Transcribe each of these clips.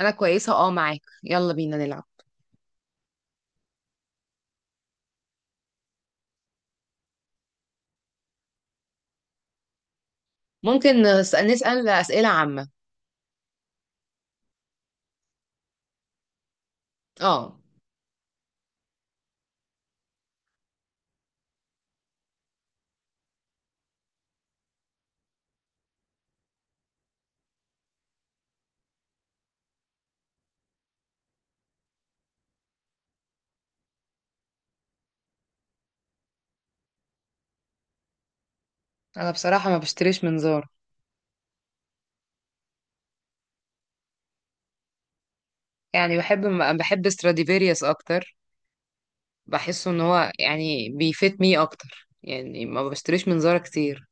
انا كويسه اه معاك، يلا بينا نلعب. ممكن نسأل اسئله عامه. اه، انا بصراحه ما بشتريش منظار. يعني بحب ستراديفيريوس اكتر، بحسه ان هو يعني بيفيت مي اكتر، يعني ما بشتريش منظار كتير.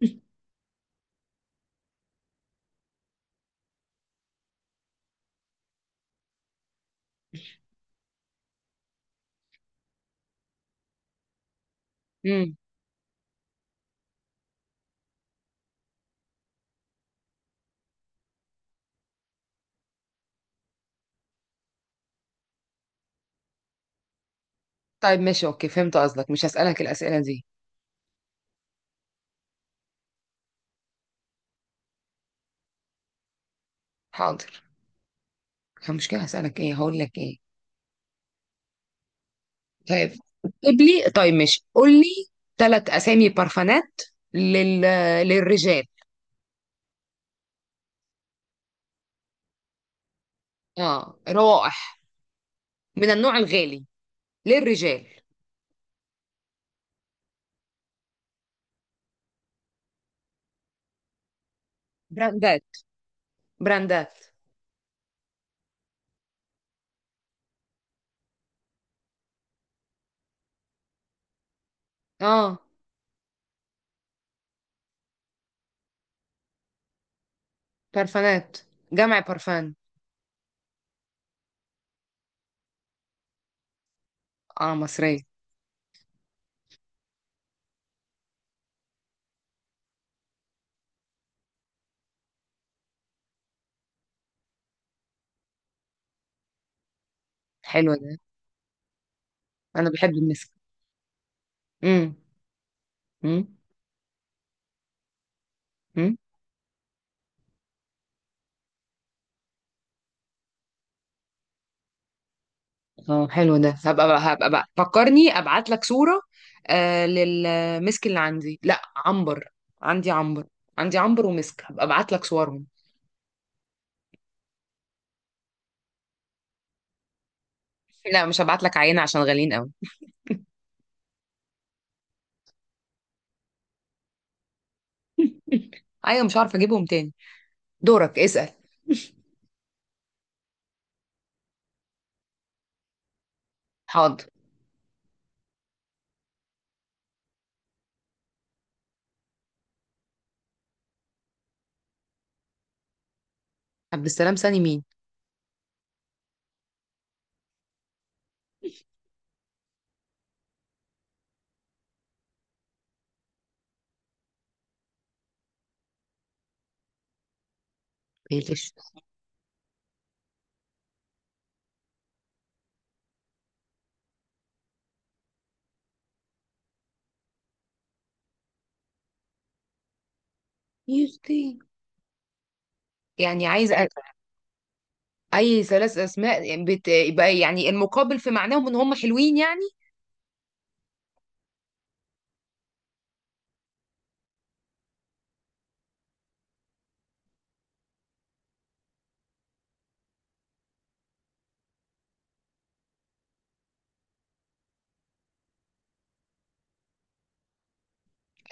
امم طيب ماشي اوكي، فهمت قصدك، مش هسألك الاسئله دي. حاضر. المشكله هسألك ايه، هقول لك ايه؟ طيب، اكتب لي. طيب ماشي، قول لي ثلاث اسامي بارفانات لل... للرجال. اه، روائح من النوع الغالي للرجال. براندات براندات. اه، بارفانات جمع بارفان. اه، مصرية. حلو ده، انا بحب المسك. امم امم امم اه حلو ده، هبقى بقى فكرني ابعت لك صورة. للمسك اللي عندي، لا عنبر عندي عنبر عندي عنبر ومسك، هبقى ابعت لك صورهم. لا، مش هبعت لك عينة عشان غاليين قوي. ايوه، مش عارفة اجيبهم تاني. دورك، اسأل. حاضر. عبد السلام سامي مين؟ بيلش يختي. يعني عايزة اي ثلاث اسماء، يعني يبقى يعني المقابل في معناهم ان هم حلوين يعني.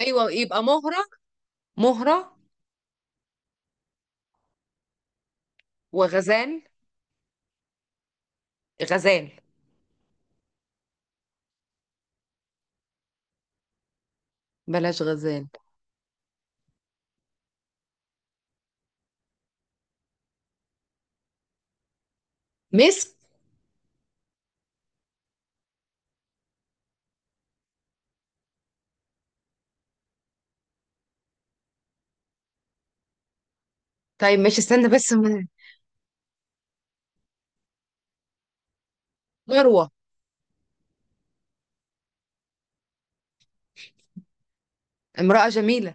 ايوه، يبقى مهرة وغزال غزال. بلاش غزال. مسك. طيب ماشي، استنى بس مروة. امرأة جميلة.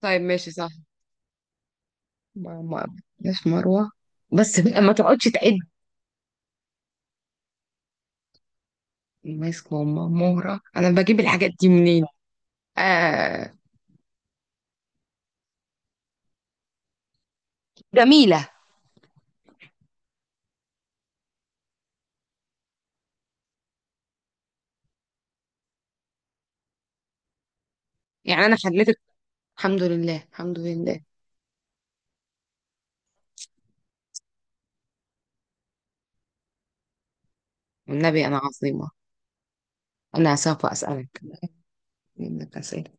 طيب ماشي، صح. ما بلاش مروة، بس بقى ما تقعدش تعد. مسك، ماما، مهرة، انا بجيب الحاجات دي منين؟ آه... جميلة. يعني انا خليتك. الحمد لله، الحمد لله. والنبي انا عظيمة. انا سوف اسألك منك أسئلة.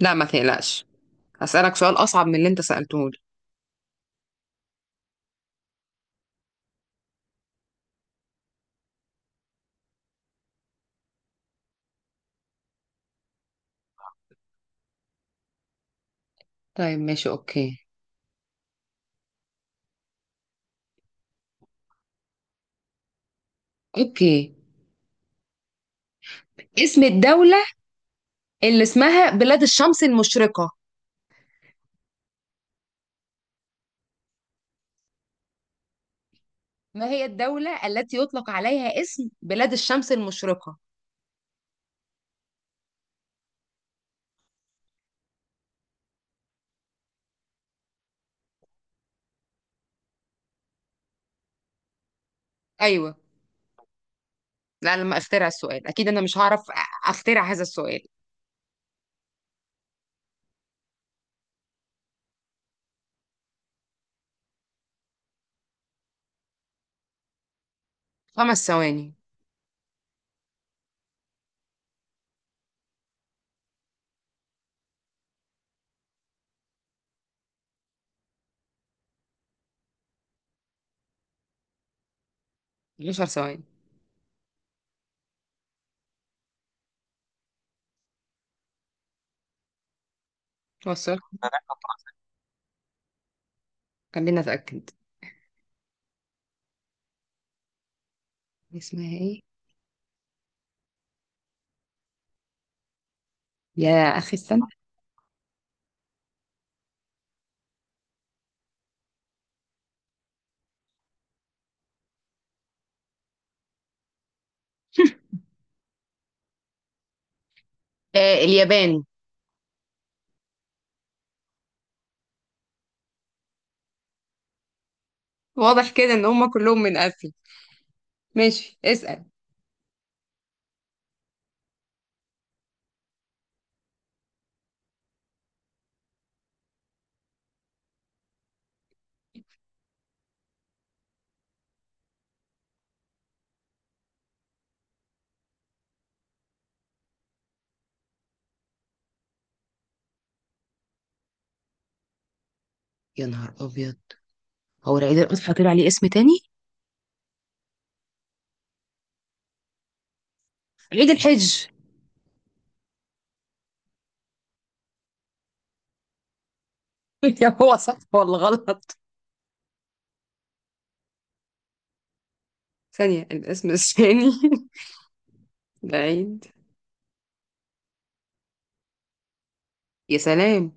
لا ما تقلقش، هسألك سؤال أصعب من اللي أنت سألته لي. طيب ماشي أوكي. أوكي، اسم الدولة اللي اسمها بلاد الشمس المشرقة. ما هي الدولة التي يطلق عليها اسم بلاد الشمس المشرقة؟ أيوة. لا، لما أخترع السؤال أكيد أنا مش هعرف أخترع هذا السؤال. 5 ثواني. 10 ثواني. هو السؤال، خلينا أتأكد، اسمها إيه؟ يا أخي استنى. آه، اليابان. واضح كده إن هما كلهم من آسيا. ماشي، اسأل. يا نهار أبيض، هو العيد الأضحى طلع عليه اسم تاني؟ عيد الحج. يا، هو صح ولا غلط؟ ثانية، الاسم الثاني. العيد. يا سلام.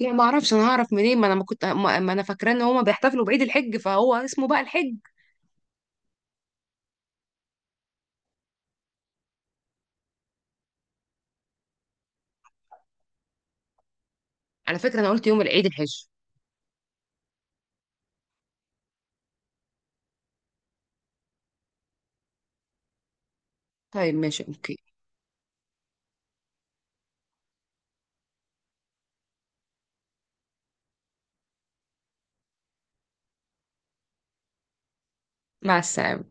لا، ما اعرفش، انا هعرف منين، ما انا ما كنت، ما انا فاكرة ان هما بيحتفلوا بعيد الحج، فهو اسمه بقى الحج. على فكرة انا قلت يوم العيد الحج. طيب ماشي اوكي. مع السلامة.